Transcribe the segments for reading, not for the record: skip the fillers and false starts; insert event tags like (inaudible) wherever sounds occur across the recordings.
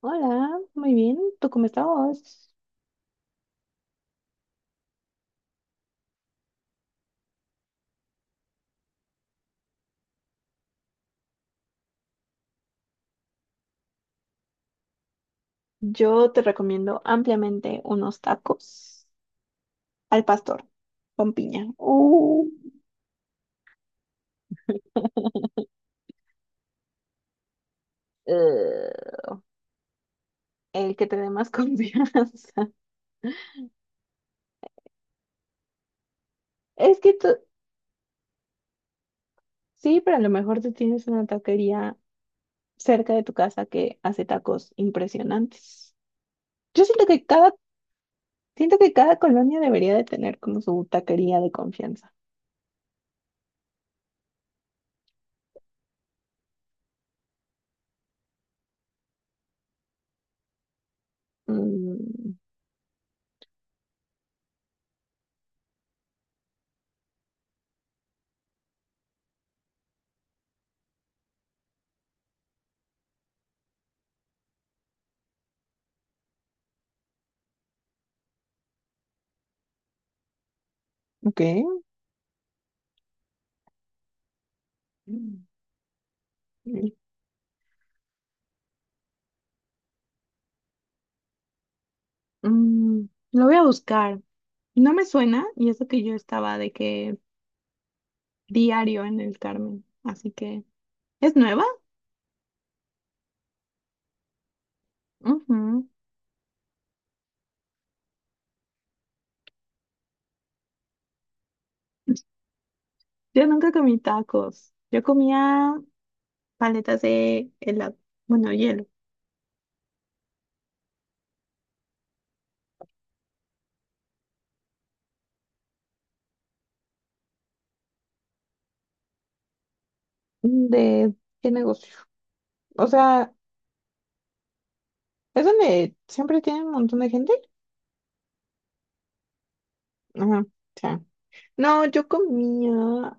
Hola, muy bien. ¿Tú cómo estás? Yo te recomiendo ampliamente unos tacos al pastor con piña. (laughs) Eh, el que te dé más (laughs) confianza. Es que tú, sí, pero a lo mejor tú tienes una taquería cerca de tu casa que hace tacos impresionantes. Yo siento que cada, Siento que cada colonia debería de tener como su taquería de confianza. Mm, ok. Mm. Mm, Mm, lo voy a buscar. No me suena, y eso que yo estaba de que diario en el Carmen. Así que, ¿es nueva? Ujú. Yo nunca comí tacos. Yo comía paletas de helado, bueno, hielo. ¿De qué negocio? O sea, es donde siempre tiene un montón de gente. Ajá, o sea. No, yo comía.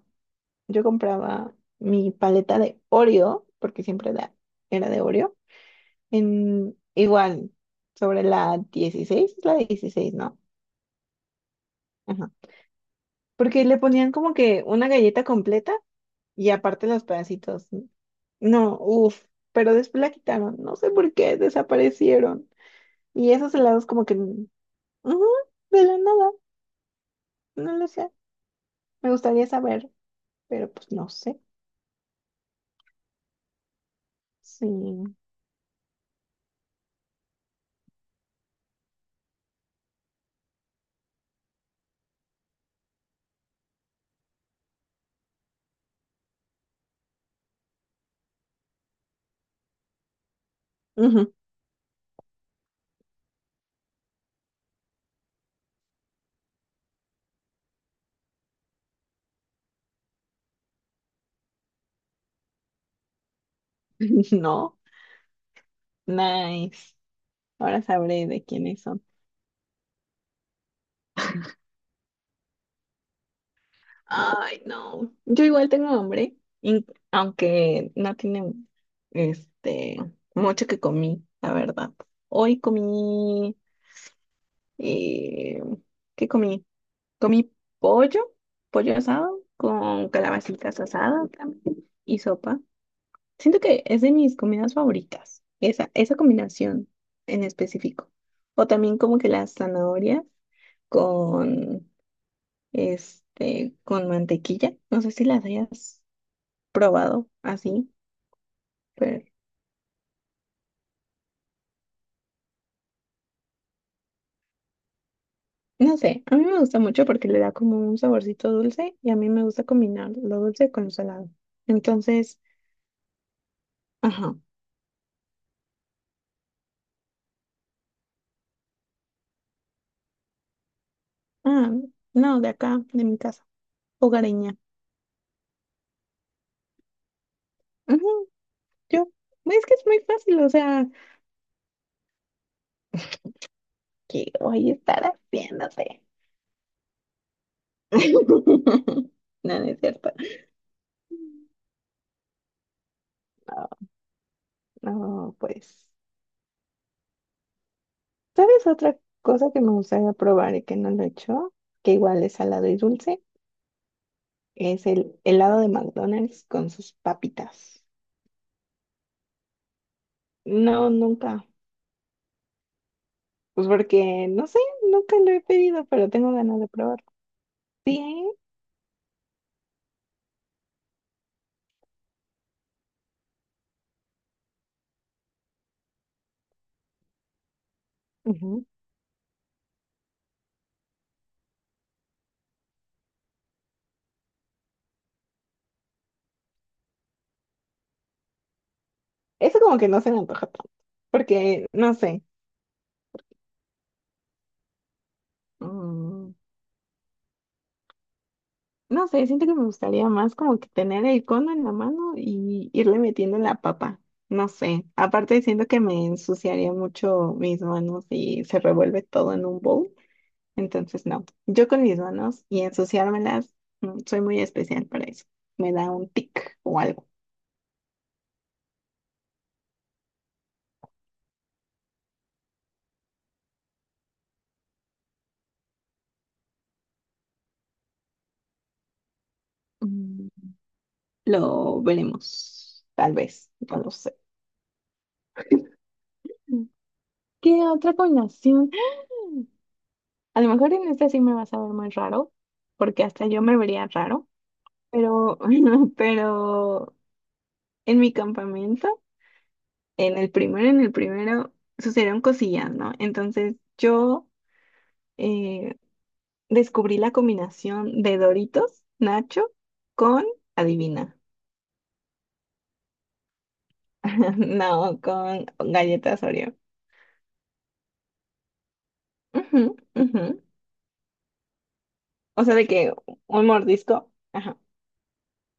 Yo compraba mi paleta de Oreo, porque era de Oreo, en igual, sobre la 16 es la 16, ¿no? Ajá. Porque le ponían como que una galleta completa y aparte los pedacitos. No, uff, pero después la quitaron, no sé por qué, desaparecieron. Y esos helados como que, ujú, de la nada, no lo sé. Me gustaría saber, pero pues no sé. Sí. Ujú. (laughs) No, nice. Ahora sabré de quiénes son. Ay, no. Yo igual tengo hambre, aunque no tiene este mucho que comí, la verdad. Hoy comí eh, ¿qué comí? Comí pollo, pollo asado con calabacitas asadas también, y sopa. Siento que es de mis comidas favoritas, esa combinación en específico. O también como que las zanahorias con este, con mantequilla. No sé si las hayas probado así, pero no sé, a mí me gusta mucho porque le da como un saborcito dulce y a mí me gusta combinar lo dulce con lo salado. Entonces, ajá. Ah, no, de acá, de mi casa, hogareña. Ajá, yo, es que es muy fácil, o sea, que voy a estar haciéndote. (laughs) No, no es cierto. No, no, pues. ¿Sabes otra cosa que me gustaría probar y que no lo he hecho? Que igual es salado y dulce. Es el helado de McDonald's con sus papitas. No, nunca. Pues porque, no sé, nunca lo he pedido, pero tengo ganas de probarlo. Sí, ¿eh? Ujú. Eso como que no se me antoja tanto. Porque, no sé. mm, No sé, siento que me gustaría más como que tener el cono en la mano y irle metiendo la papa. No sé. Aparte siento que me ensuciaría mucho mis manos y se revuelve todo en un bowl. Entonces no. Yo con mis manos y ensuciármelas, soy muy especial para eso. Me da un tic o algo. Mm, Lo veremos. Tal vez. No lo sé. Mm. ¿Qué otra combinación? A lo mejor en esta sí me vas a ver muy raro, porque hasta yo me vería raro. Pero, (laughs) pero en mi campamento, en el primero, sucedieron cosillas, ¿no? Entonces yo eh, descubrí la combinación de Doritos, Nacho, con, adivina, (laughs) no, con galletas Oreo. Ujú, ujú. O sea, de que un mordisco, ajá.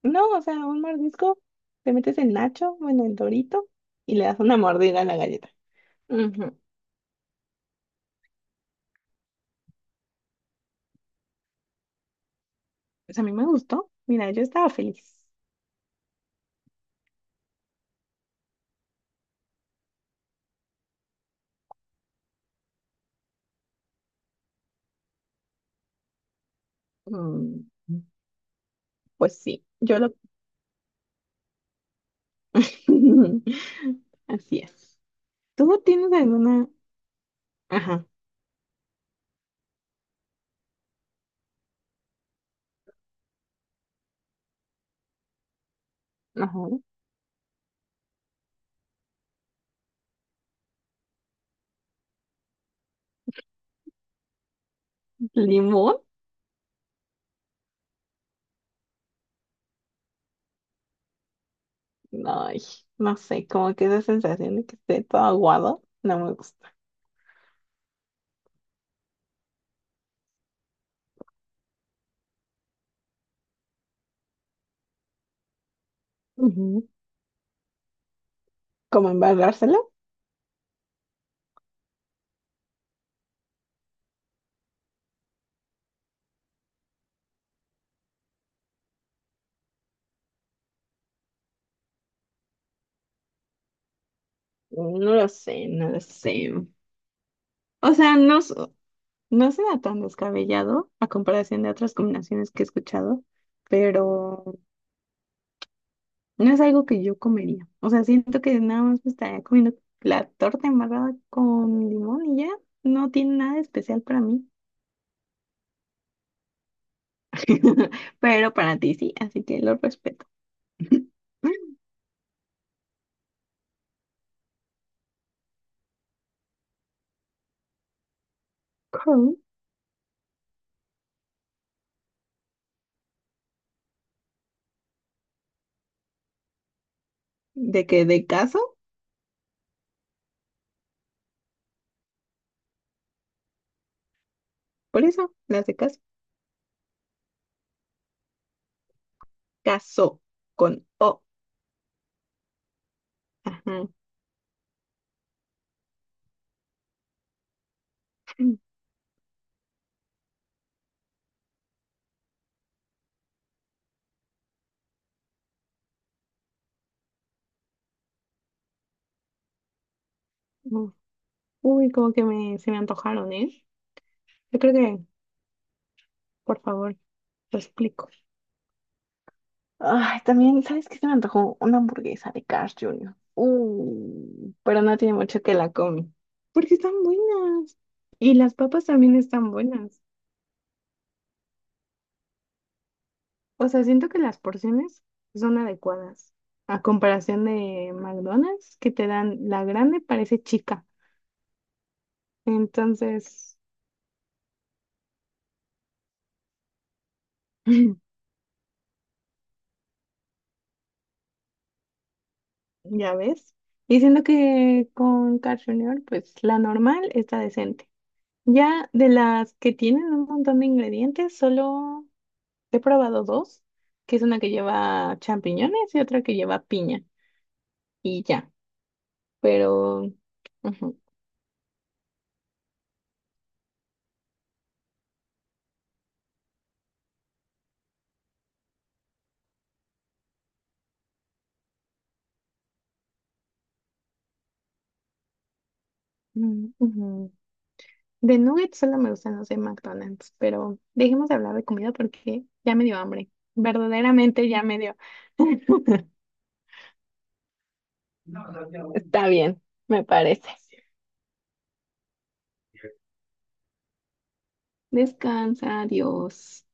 No, o sea, un mordisco, te metes el Nacho, bueno, el Dorito, y le das una mordida a la galleta. Ujú. Pues a mí me gustó. Mira, yo estaba feliz. Mm, pues sí, yo lo... (laughs) Así es. ¿Tú tienes alguna... Ajá, ajá. ¿Limón? Ay, no sé, como que esa sensación de que esté todo aguado, no me gusta. Ujú. ¿Cómo embarrárselo? No lo sé, no lo sé. O sea, no, no suena tan descabellado a comparación de otras combinaciones que he escuchado, pero... No es algo que yo comería. O sea, siento que nada más me estaría comiendo la torta embarrada con limón y ya. No tiene nada de especial para mí. (laughs) Pero para ti sí, así que lo respeto. (laughs) Con- ¿De que? ¿De caso? Por eso, las de caso. Caso con O. Ajá. Uf, uy, como que me, se me antojaron, ¿eh? Yo creo que, por favor, lo explico. Ay, también, ¿sabes qué se me antojó? Una hamburguesa de Carl Jr. Pero no tiene mucho que la come. Porque están buenas. Y las papas también están buenas. O sea, siento que las porciones son adecuadas. A comparación de McDonald's, que te dan la grande, parece chica. Entonces, (laughs) ya ves. Y siento que con Carl Jr., pues la normal está decente. Ya de las que tienen un montón de ingredientes, solo he probado dos, que es una que lleva champiñones y otra que lleva piña. Y ya, pero... ujú, mm, ujú. De nuggets solo me gustan los de McDonald's, pero dejemos de hablar de comida porque ya me dio hambre. Verdaderamente ya me dio. (laughs) Está bien, me parece. Descansa, adiós.